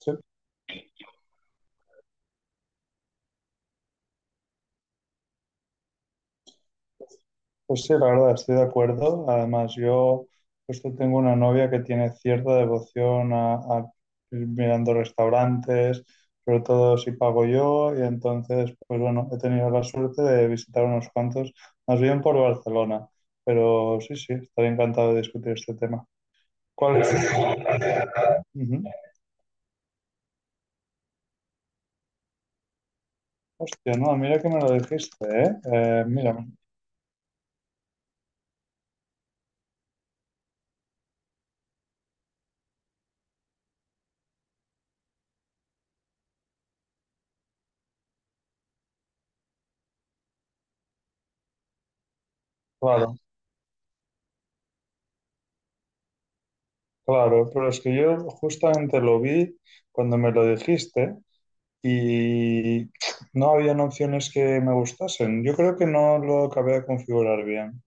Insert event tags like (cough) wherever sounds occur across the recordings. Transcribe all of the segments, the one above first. Sí, pues sí, la verdad, estoy de acuerdo. Además, yo justo tengo una novia que tiene cierta devoción a ir mirando restaurantes, sobre todo si pago yo, y entonces, pues bueno, he tenido la suerte de visitar unos cuantos, más bien por Barcelona. Pero sí, sí, estaría encantado de discutir este tema. ¿Cuál es? Ujú. Hostia, no, mira que me lo dijiste, ¿eh? Mira, claro, claro, pero es que yo justamente lo vi cuando me lo dijiste. Y (laughs) no habían opciones que me gustasen. Yo creo que no lo acabé de configurar bien.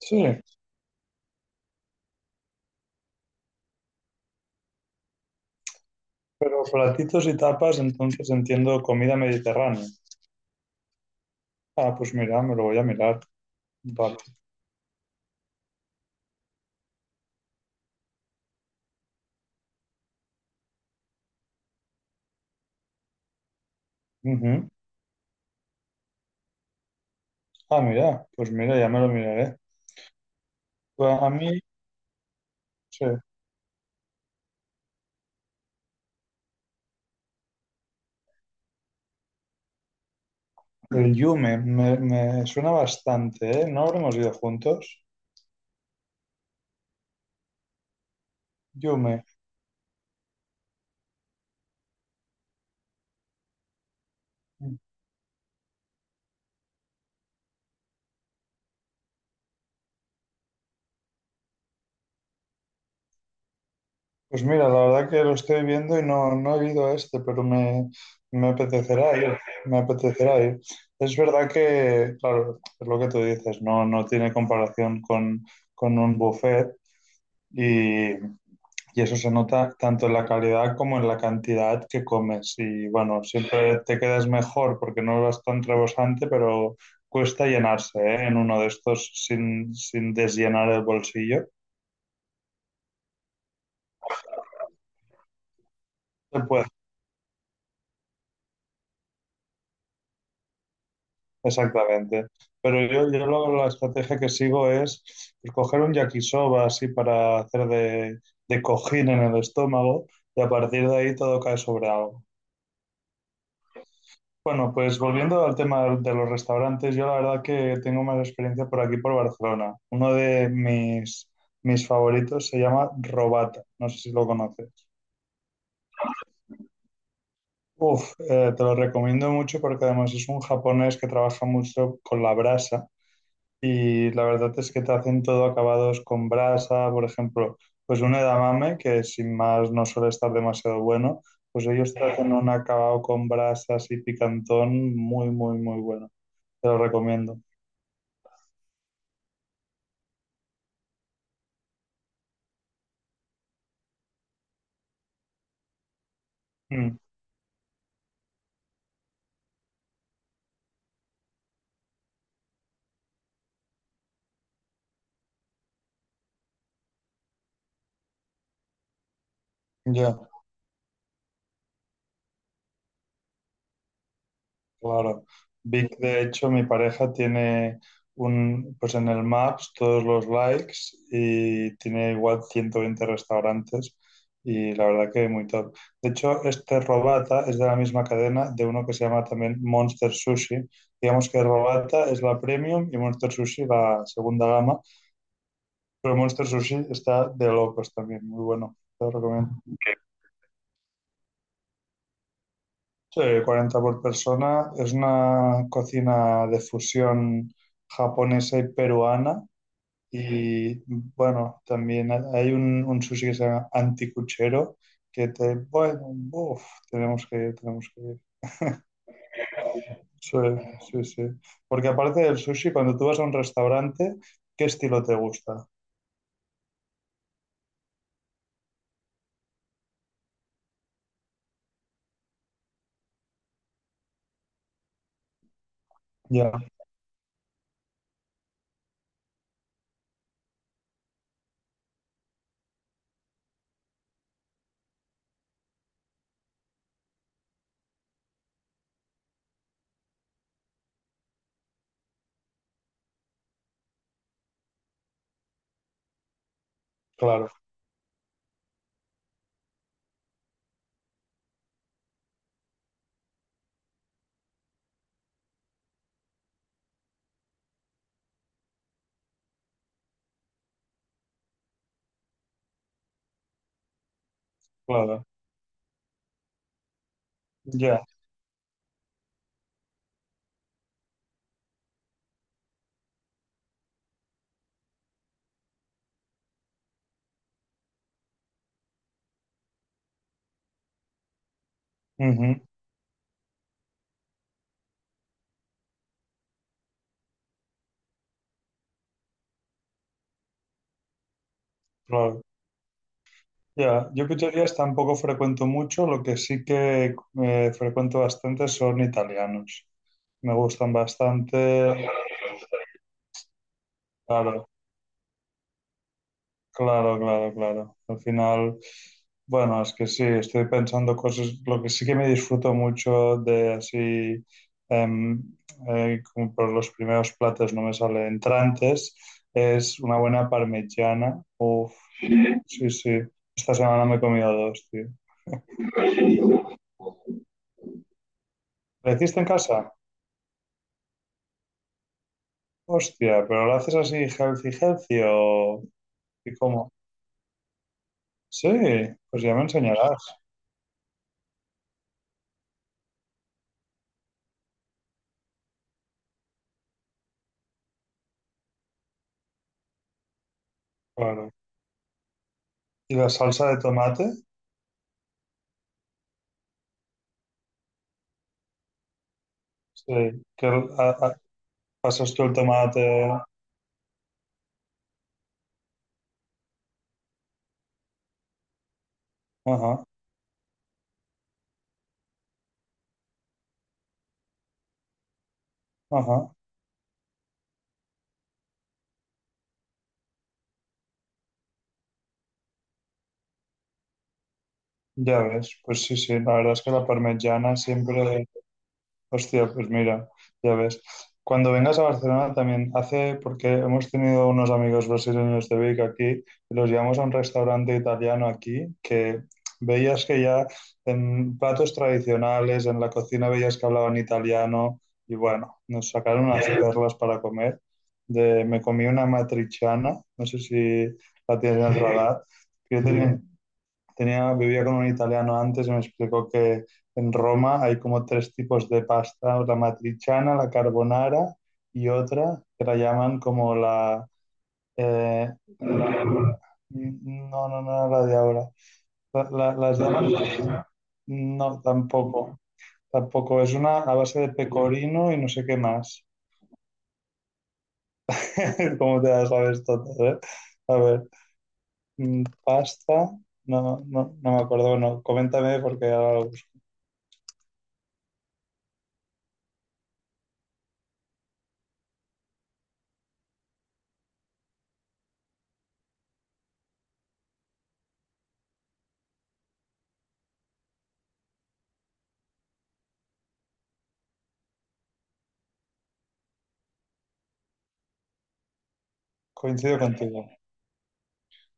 Sí, pero platitos y tapas, entonces entiendo comida mediterránea. Ah, pues mira, me lo voy a mirar. Vale. Ujú. Ah, mira, pues mira, ya me lo miraré. Pues a mí, sí, el yume me suena bastante, ¿eh? ¿No habremos ido juntos? Yume. Pues mira, la verdad que lo estoy viendo y no, no he ido a este, pero me apetecerá ir, me apetecerá ir. Es verdad que, claro, es lo que tú dices, no, no tiene comparación con un buffet y, y eso se nota tanto en la calidad como en la cantidad que comes. Y bueno, siempre te quedas mejor porque no vas tan rebosante, pero cuesta llenarse, ¿eh? En uno de estos sin desllenar el bolsillo. Se puede. Exactamente. Pero yo la estrategia que sigo es pues, coger un yakisoba así para hacer de cojín en el estómago y a partir de ahí todo cae sobre algo. Bueno, pues volviendo al tema de los restaurantes, yo la verdad que tengo más experiencia por aquí, por Barcelona. Uno de mis favoritos se llama Robata, no sé si lo conoces. Uf, te lo recomiendo mucho porque además es un japonés que trabaja mucho con la brasa. Y la verdad es que te hacen todo acabados con brasa, por ejemplo, pues un edamame, que sin más no suele estar demasiado bueno, pues ellos te hacen un acabado con brasas y picantón muy, muy, muy bueno. Te lo recomiendo. Mm, ya. Claro. Vic, de hecho, mi pareja tiene pues en el Maps todos los likes y tiene igual 120 restaurantes y la verdad que muy top. De hecho, este Robata es de la misma cadena de uno que se llama también Monster Sushi. Digamos que Robata es la premium y Monster Sushi la segunda gama, pero Monster Sushi está de locos también, muy bueno, te lo recomiendo. Sí, 40 por persona. Es una cocina de fusión japonesa y peruana. Y bueno, también ha- hay un sushi que se llama anticuchero, que te, bueno, uf, tenemos que ir, tenemos que ir. Sí, sí, sí. Porque aparte del sushi, cuando tú vas a un restaurante, ¿qué estilo te gusta? Ya, claro, claro. Ya, ujú, claro. Ya, yo pizzerías tampoco frecuento mucho, lo que sí que frecuento bastante son italianos. Me gustan bastante. Claro, claro, claro, claro. Al final, bueno, es que sí, estoy pensando cosas, lo que sí que me disfruto mucho de así, em, como por los primeros platos no me sale entrantes, es una buena parmigiana. Uf, sí, sí. Esta semana me he comido dos, tío. ¿La hiciste en casa? Hostia, pero lo haces así, healthy, healthy, o... ¿Y cómo? Sí, pues ya me enseñarás, claro. ¿Y la salsa de tomate? Sí, que a- pasas tú el tomate... Ajá, ajá, ya ves. Pues sí, sí, la verdad es que la parmigiana siempre... Hostia, pues mira, ya ves. Cuando vengas a Barcelona también hace, porque hemos tenido unos amigos brasileños de Vic aquí, y los llevamos a un restaurante italiano aquí, que veías que ya en platos tradicionales, en la cocina veías que hablaban italiano, y bueno, nos sacaron unas perlas para comer. De, me comí una matriciana, no sé si la tienes en el radar, que yo vivía con un italiano antes y me explicó que en Roma hay como tres tipos de pasta, la matriciana, la carbonara y otra que la llaman como la... eh, la- no, no, no, la de ahora. Las llaman... No, tampoco. Tampoco. Es una a base de pecorino y no sé qué más. (laughs) Cómo te las sabes todas, ¿eh? A ver, mm, pasta. No, no, no me acuerdo. Bueno, coméntame porque ahora lo busco. Coincido contigo.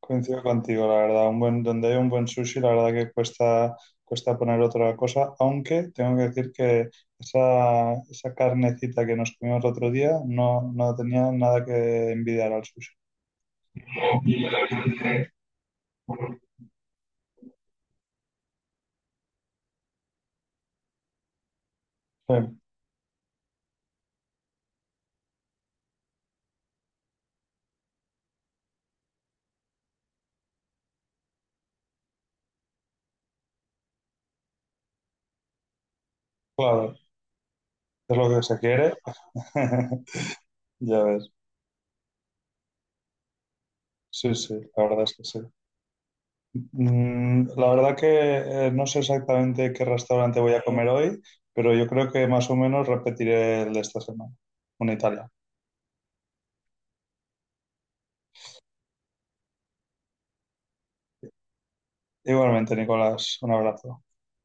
Coincido contigo, la verdad. Un buen, donde hay un buen sushi, la verdad que cuesta, cuesta poner otra cosa, aunque tengo que decir que esa carnecita que nos comimos el otro día no, no tenía nada que envidiar al sushi. Sí, claro, es lo que se quiere. (laughs) Ya ves. Sí, sí, la verdad es que sí. Mm, la verdad que no sé exactamente qué restaurante voy a comer hoy, pero yo creo que más o menos repetiré el de esta semana, un Italia. Igualmente, Nicolás, un abrazo.